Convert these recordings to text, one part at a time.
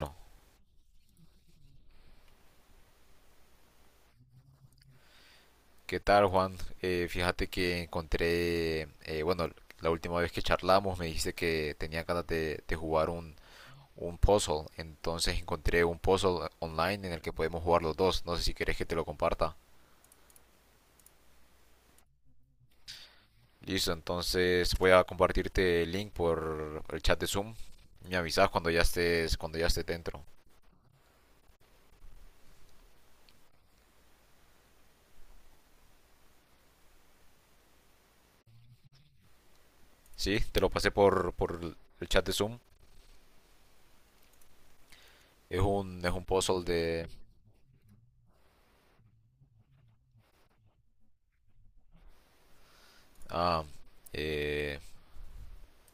Bueno, ¿qué tal, Juan? Fíjate que encontré, bueno, la última vez que charlamos me dijiste que tenía ganas de jugar un puzzle, entonces encontré un puzzle online en el que podemos jugar los dos, no sé si querés que te lo comparta. Listo, entonces voy a compartirte el link por el chat de Zoom. Me avisas cuando ya estés dentro. Sí, te lo pasé por el chat de Zoom. Es un puzzle de. Ah, eh,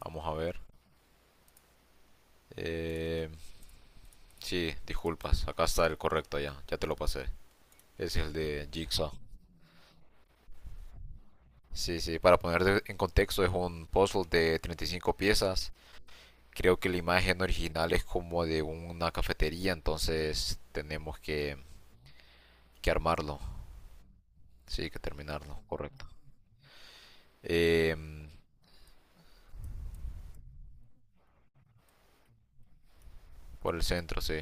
vamos a ver. Eh, Sí, disculpas, acá está el correcto ya te lo pasé. Es el de Jigsaw. Sí, sí, para poner en contexto, es un puzzle de 35 piezas. Creo que la imagen original es como de una cafetería, entonces tenemos que armarlo. Sí, que terminarlo, correcto. Em, por el centro, sí.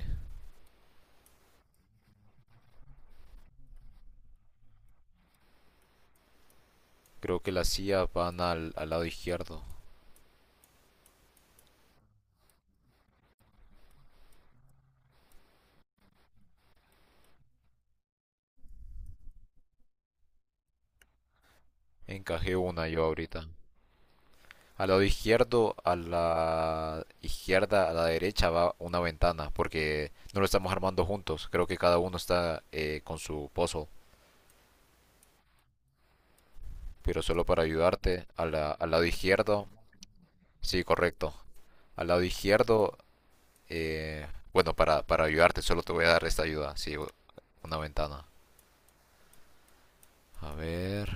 Creo que las sillas van al lado izquierdo. Encajé una yo ahorita. Al lado izquierdo, a la izquierda, a la derecha va una ventana, porque no lo estamos armando juntos. Creo que cada uno está con su puzzle. Pero solo para ayudarte, al lado izquierdo, sí, correcto. Al lado izquierdo, eh, bueno, para ayudarte, solo te voy a dar esta ayuda, sí, una ventana. A ver,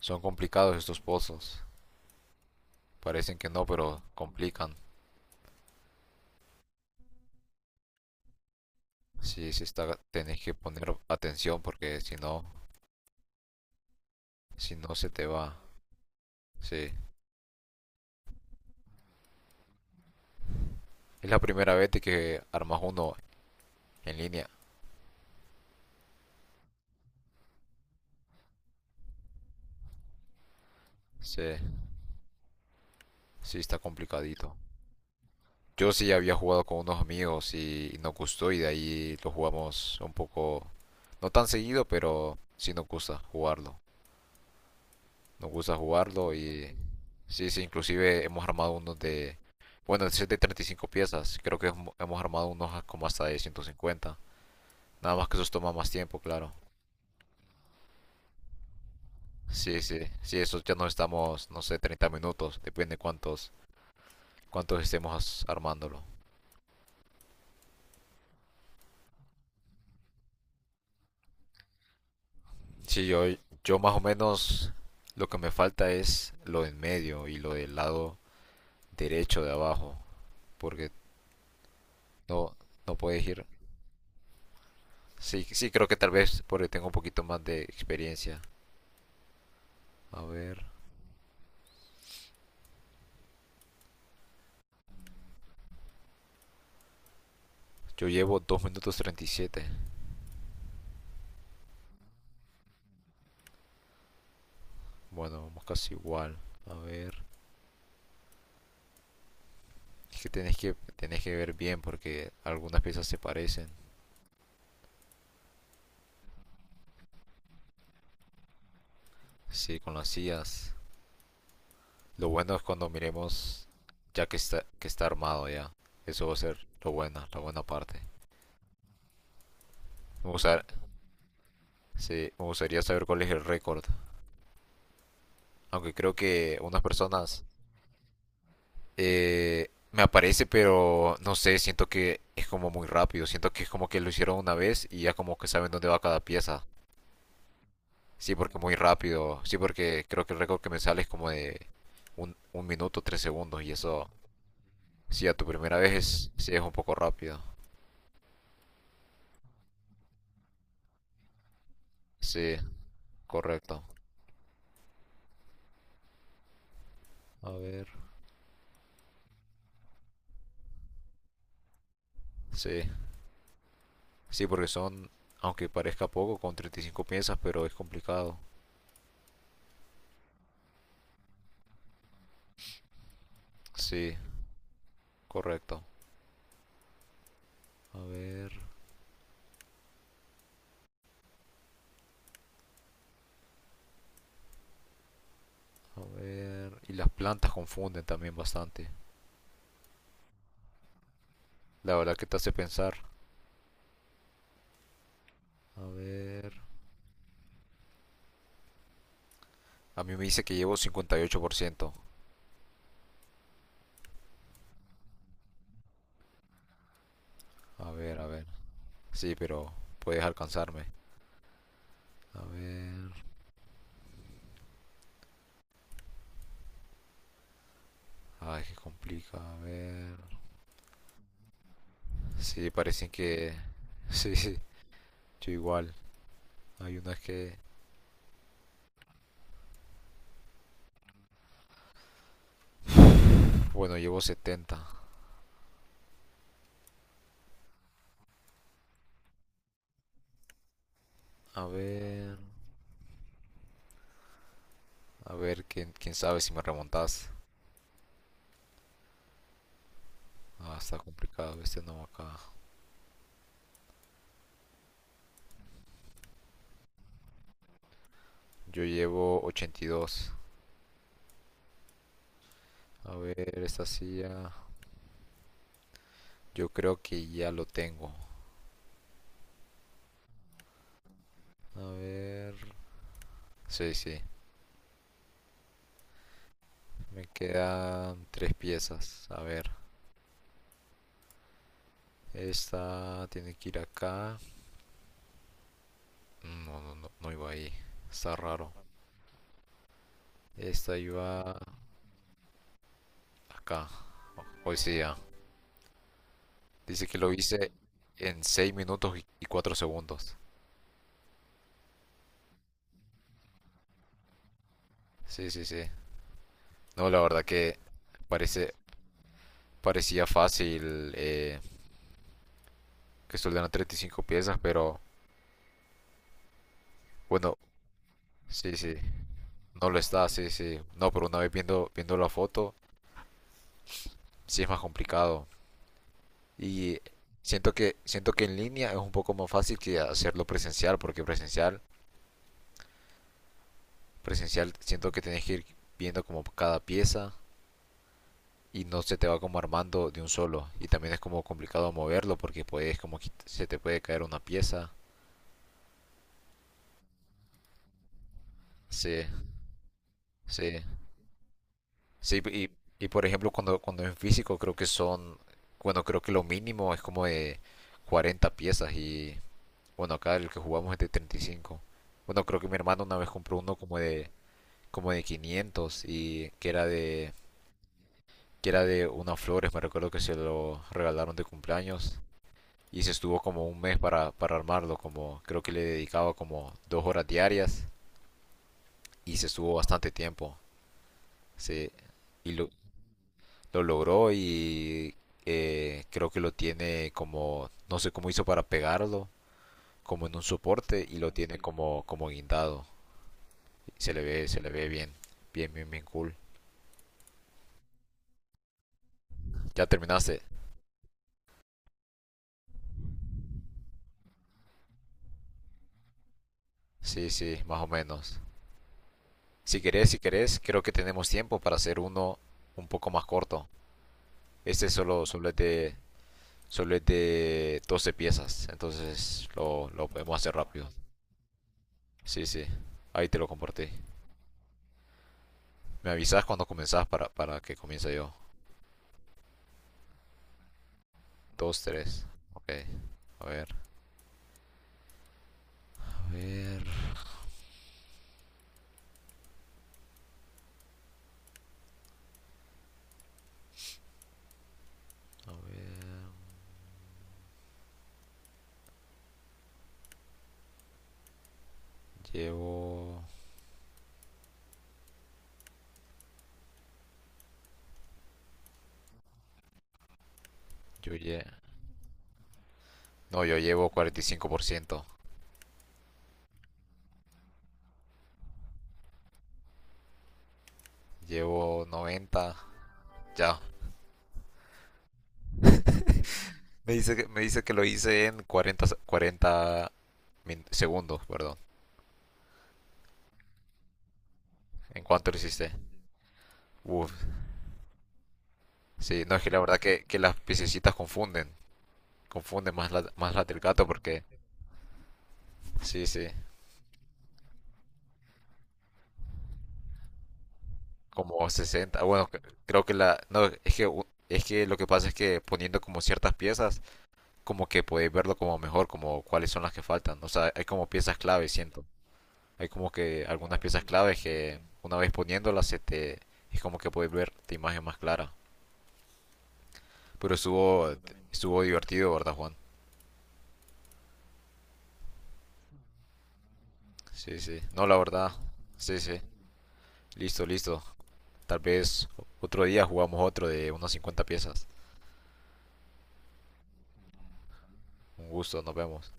son complicados estos puzzles. Parecen que no, pero complican. Sí, sí está, tenés que poner atención porque si no se te va. Sí. Es la primera vez de que armas uno en línea. Sí, sí está complicadito. Yo sí había jugado con unos amigos y, nos gustó y de ahí lo jugamos un poco, no tan seguido, pero sí nos gusta jugarlo. Nos gusta jugarlo y sí, sí, inclusive hemos armado unos de, bueno, ese es de 35 piezas, creo que hemos armado unos como hasta de 150. Nada más que esos toma más tiempo, claro. Sí, sí, sí, esos ya nos estamos, no sé, 30 minutos, depende cuántos estemos armándolo. Sí, yo más o menos lo que me falta es lo en medio y lo del lado derecho de abajo. Porque no, no puedes ir. Sí, sí, creo que tal vez porque tengo un poquito más de experiencia. A ver. Yo llevo 2 minutos 37. Bueno, vamos casi igual. A ver. Es que tenés que ver bien porque algunas piezas se parecen. Sí, con las sillas. Lo bueno es cuando miremos ya que está armado ya. Eso va a ser lo bueno la buena parte. Me gustar- sí, me gustaría saber cuál es el récord. Aunque creo que unas personas me aparece, pero no sé, siento que es como muy rápido. Siento que es como que lo hicieron una vez y ya como que saben dónde va cada pieza. Sí, porque muy rápido. Sí, porque creo que el récord que me sale es como de un minuto, tres segundos. Y eso, sí, a tu primera vez es, sí, es un poco rápido. Sí, correcto. A ver. Sí, sí, porque son, aunque parezca poco, con 35 piezas, pero es complicado. Sí, correcto. A ver, a ver. Y las plantas confunden también bastante. La verdad que te hace pensar. A ver. A mí me dice que llevo 58%. A ver, a ver. Sí, pero puedes alcanzarme. A ver. Ay, que complica. A ver. Sí, parecen que. Sí, sí. Yo igual. Hay unas que. Bueno, llevo 70. A ver, a ver, quién sabe si me remontas. Ah, está complicado este no acá. Yo llevo 82. A ver, esta silla. Yo creo que ya lo tengo. A ver. Sí, sí. Me quedan tres piezas. A ver. Esta tiene que ir acá. No, no, no, no iba ahí. Está raro. Esta iba acá. Hoy sí ya. Dice que lo hice en 6 minutos y 4 segundos. Sí, sí, sí. No, la verdad que parece, parecía fácil que soldaran 35 piezas, pero bueno, sí, sí, no lo está, sí, sí. No, pero una vez viendo la foto, sí es más complicado. Y siento que en línea es un poco más fácil que hacerlo presencial, porque presencial siento que tenés que ir viendo como cada pieza y no se te va como armando de un solo. Y también es como complicado moverlo porque puedes como se te puede caer una pieza. Sí, sí. Sí, y por ejemplo, cuando en físico creo que son, bueno, creo que lo mínimo es como de 40 piezas y, bueno, acá el que jugamos es de 35. Bueno, creo que mi hermano una vez compró uno como de 500 y que era de unas flores, me recuerdo que se lo regalaron de cumpleaños y se estuvo como un mes para armarlo, como creo que le dedicaba como 2 horas diarias y se estuvo bastante tiempo. Sí, y lo logró y creo que lo tiene como, no sé cómo hizo para pegarlo, como en un soporte y lo tiene como guindado. Se le ve bien, bien, bien, bien cool. ¿Ya terminaste? Sí, sí, más o menos. Si querés, creo que tenemos tiempo para hacer uno un poco más corto. Este solo es de 12 piezas, entonces lo podemos hacer rápido. Sí, sí, ahí te lo compartí. Me avisas cuando comenzás para que comience yo. Dos, tres. Ok. A ver. A ver. Llevo. Yo lle. No, yo llevo 45%. Llevo 90. Ya. Me dice que lo hice en segundos, perdón. ¿En cuánto lo hiciste? Uf. Sí, no, es que la verdad que las piececitas confunden. Confunden más más la del gato porque. Sí, sí. Como 60. Bueno, creo que la. No, es que lo que pasa es que poniendo como ciertas piezas como que podéis verlo como mejor, como cuáles son las que faltan. ¿No? O sea, hay como piezas clave, siento. Hay como que algunas piezas claves que una vez poniéndolas se te, es como que podéis ver la imagen más clara. Pero estuvo divertido, ¿verdad, Juan? Sí, sí. No, la verdad. Sí, sí. Listo, listo. Tal vez otro día jugamos otro de unas 50 piezas. Un gusto, nos vemos.